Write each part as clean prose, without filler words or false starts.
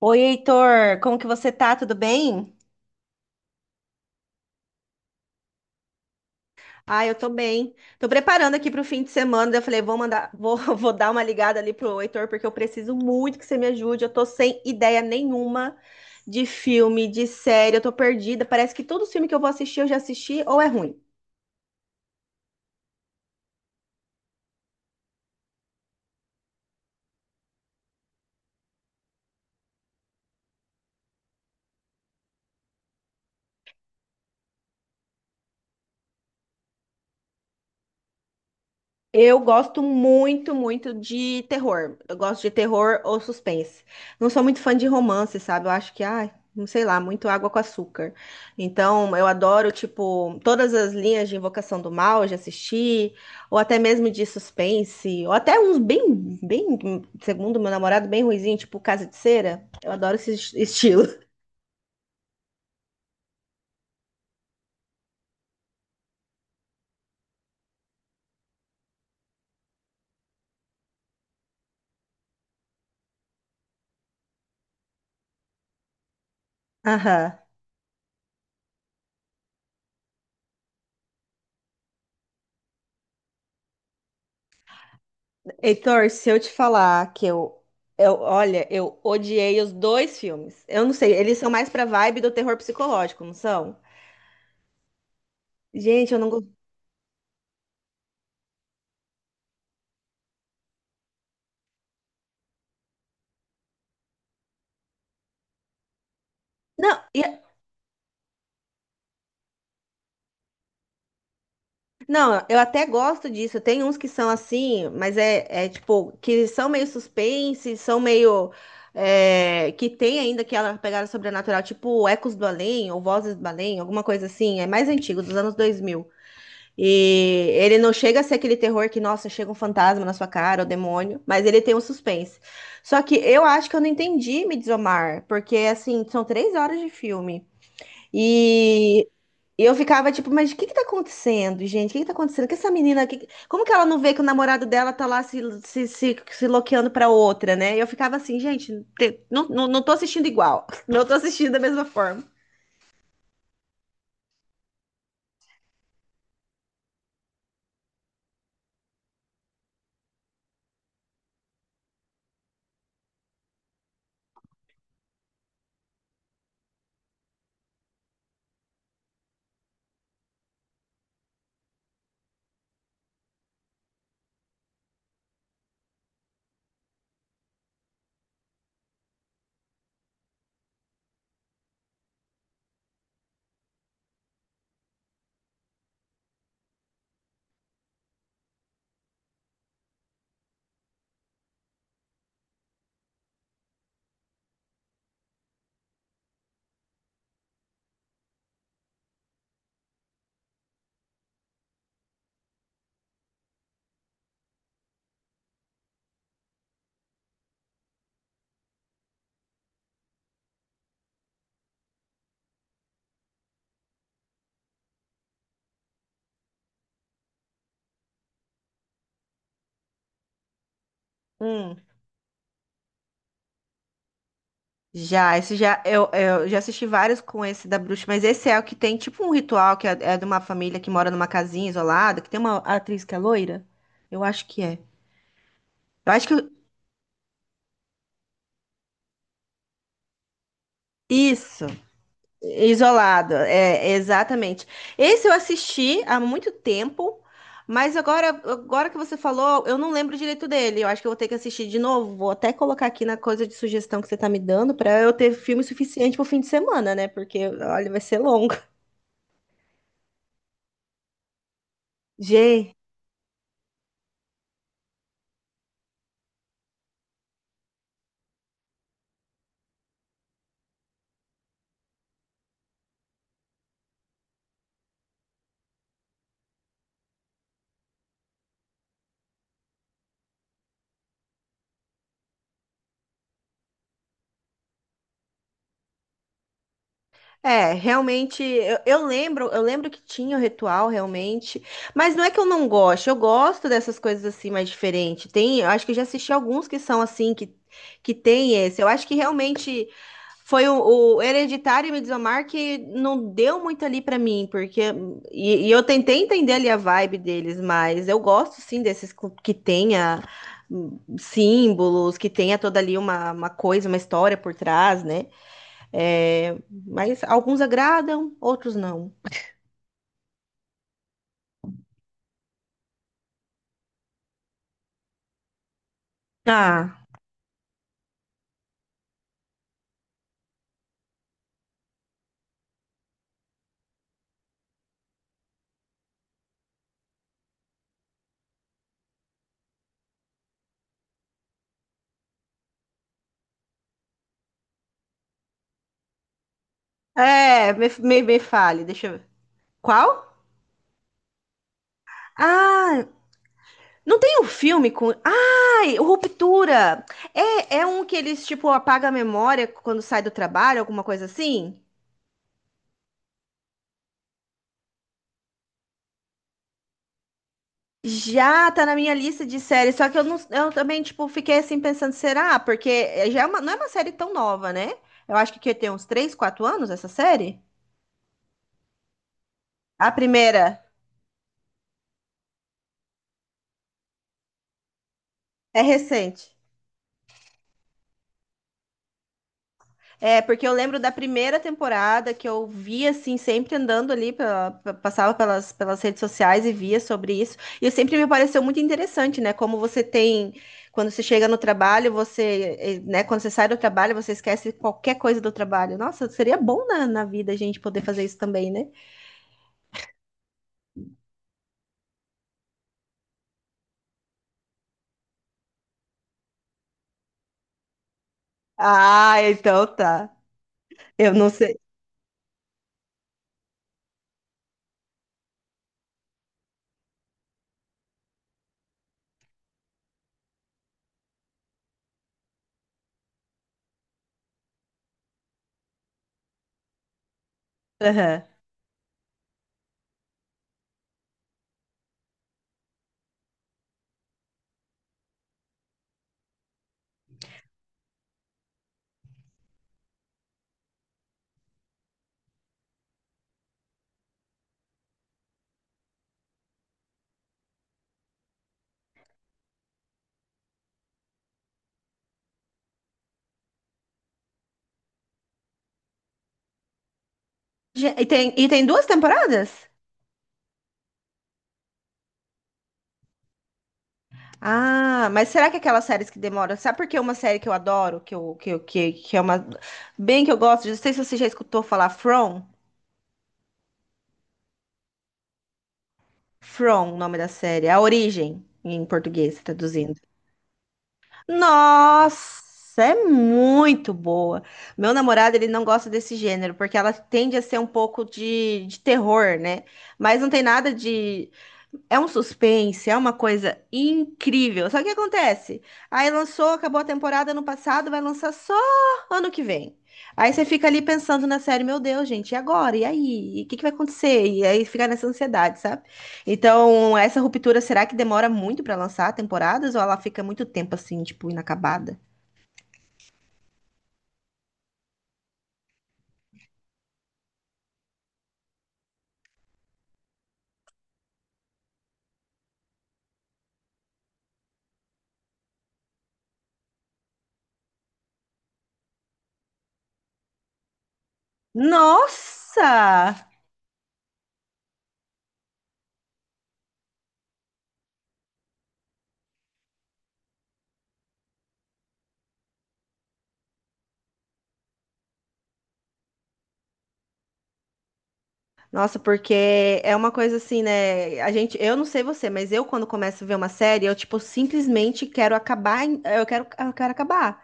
Oi, Heitor, como que você tá? Tudo bem? Ah, eu tô bem. Tô preparando aqui pro fim de semana. Daí eu falei, vou dar uma ligada ali pro Heitor, porque eu preciso muito que você me ajude. Eu tô sem ideia nenhuma de filme, de série, eu tô perdida. Parece que todo filme que eu vou assistir, eu já assisti ou é ruim. Eu gosto muito, muito de terror. Eu gosto de terror ou suspense. Não sou muito fã de romance, sabe? Eu acho que, ai, não sei lá, muito água com açúcar. Então, eu adoro, tipo, todas as linhas de Invocação do Mal, eu já assisti, ou até mesmo de suspense, ou até uns bem, bem, segundo meu namorado, bem ruizinho, tipo Casa de Cera. Eu adoro esse estilo. Aham. Heitor, se eu te falar que eu, olha, eu odiei os dois filmes. Eu não sei, eles são mais pra vibe do terror psicológico, não são? Gente, eu não gosto. Não, não, eu até gosto disso. Tem uns que são assim, mas é, tipo, que são meio suspense, são meio. É, que tem ainda aquela pegada sobrenatural, tipo Ecos do Além ou Vozes do Além, alguma coisa assim. É mais antigo, dos anos 2000. E ele não chega a ser aquele terror que, nossa, chega um fantasma na sua cara, o demônio, mas ele tem um suspense. Só que eu acho que eu não entendi Midsommar, porque, assim, são 3 horas de filme. E eu ficava tipo, mas o que que tá acontecendo, gente? O que que tá acontecendo? Que essa menina, que, como que ela não vê que o namorado dela tá lá se loqueando pra outra, né? E eu ficava assim, gente, não tô assistindo igual, não tô assistindo da mesma forma. Hum. Já, esse já, eu já assisti vários com esse da bruxa, mas esse é o que tem tipo um ritual que é, é de uma família que mora numa casinha isolada, que tem uma atriz que é loira? Eu acho que é. Eu acho que. Isso, isolado, é, exatamente. Esse eu assisti há muito tempo, mas agora que você falou, eu não lembro direito dele. Eu acho que eu vou ter que assistir de novo. Vou até colocar aqui na coisa de sugestão que você tá me dando pra eu ter filme suficiente pro fim de semana, né? Porque, olha, vai ser longo. Gente. É, realmente, eu lembro, que tinha o ritual, realmente, mas não é que eu não gosto, eu gosto dessas coisas assim mais diferentes. Tem, eu acho que eu já assisti alguns que são assim, que tem esse. Eu acho que realmente foi o Hereditário e Midsommar que não deu muito ali pra mim, porque e eu tentei entender ali a vibe deles, mas eu gosto sim desses que tenha símbolos, que tenha toda ali uma coisa, uma história por trás, né? É, mas alguns agradam, outros não. Ah, é, me fale, deixa eu ver. Qual? ah, Não tem um filme com. Ai, o Ruptura! É um que eles, tipo, apaga a memória quando sai do trabalho, alguma coisa assim? Já tá na minha lista de séries, só que eu, não, eu também, tipo, fiquei assim pensando, será? Porque já é não é uma série tão nova, né? Eu acho que tem uns 3, 4 anos essa série. A primeira é recente. É, porque eu lembro da primeira temporada que eu via, assim, sempre andando ali, passava pelas redes sociais e via sobre isso. E sempre me pareceu muito interessante, né? Como você tem, quando você chega no trabalho, você, né? Quando você sai do trabalho, você esquece qualquer coisa do trabalho. Nossa, seria bom na vida a gente poder fazer isso também, né? Ah, então tá. Eu não sei. Aham. E tem duas temporadas? Ah, mas será que aquelas séries que demoram? Sabe por que uma série que eu adoro, que é uma. Bem que eu gosto, não sei se você já escutou falar From. From, o nome da série. A Origem, em português, traduzindo. Nossa, é muito boa. Meu namorado, ele não gosta desse gênero, porque ela tende a ser um pouco de terror, né? Mas não tem nada de. É um suspense, é uma coisa incrível. Só que acontece? Aí lançou, acabou a temporada ano passado, vai lançar só ano que vem. Aí você fica ali pensando na série, meu Deus, gente, e agora? E aí? E o que que vai acontecer? E aí fica nessa ansiedade, sabe? Então, essa ruptura, será que demora muito pra lançar temporadas ou ela fica muito tempo assim, tipo, inacabada? Nossa! Nossa, porque é uma coisa assim, né? A gente, eu não sei você, mas eu quando começo a ver uma série, eu tipo simplesmente quero acabar, eu quero acabar.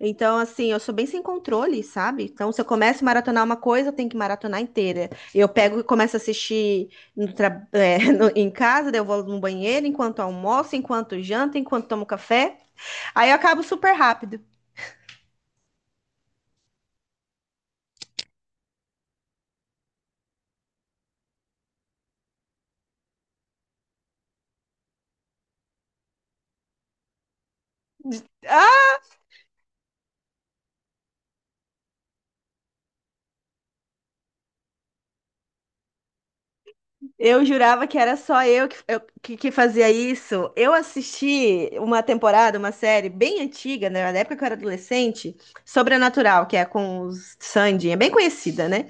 Então, assim, eu sou bem sem controle, sabe? Então, se eu começo a maratonar uma coisa, eu tenho que maratonar inteira. Eu pego e começo a assistir em casa, daí eu vou no banheiro, enquanto almoço, enquanto janto, enquanto tomo café. Aí eu acabo super rápido. Ah, eu jurava que era só eu que fazia isso. Eu assisti uma temporada, uma série bem antiga, né, na época que eu era adolescente, Sobrenatural, que é com os Sandy, é bem conhecida, né?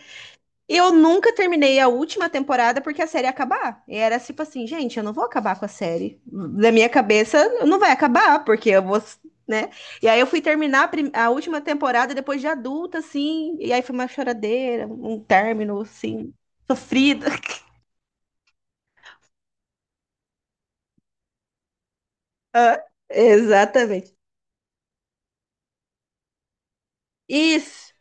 Eu nunca terminei a última temporada porque a série ia acabar. E era tipo assim, gente, eu não vou acabar com a série. Da minha cabeça, não vai acabar, porque eu vou, né? E aí eu fui terminar a última temporada depois de adulta, assim. E aí foi uma choradeira, um término, assim, sofrido. Exatamente. Isso.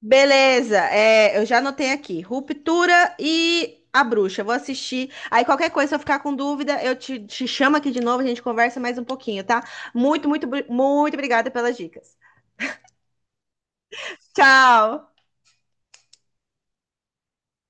Beleza, é, eu já anotei aqui. Ruptura e A Bruxa. Vou assistir. Aí qualquer coisa, se eu ficar com dúvida, eu te chamo aqui de novo, a gente conversa mais um pouquinho, tá? Muito, muito, muito obrigada pelas dicas. Tchau!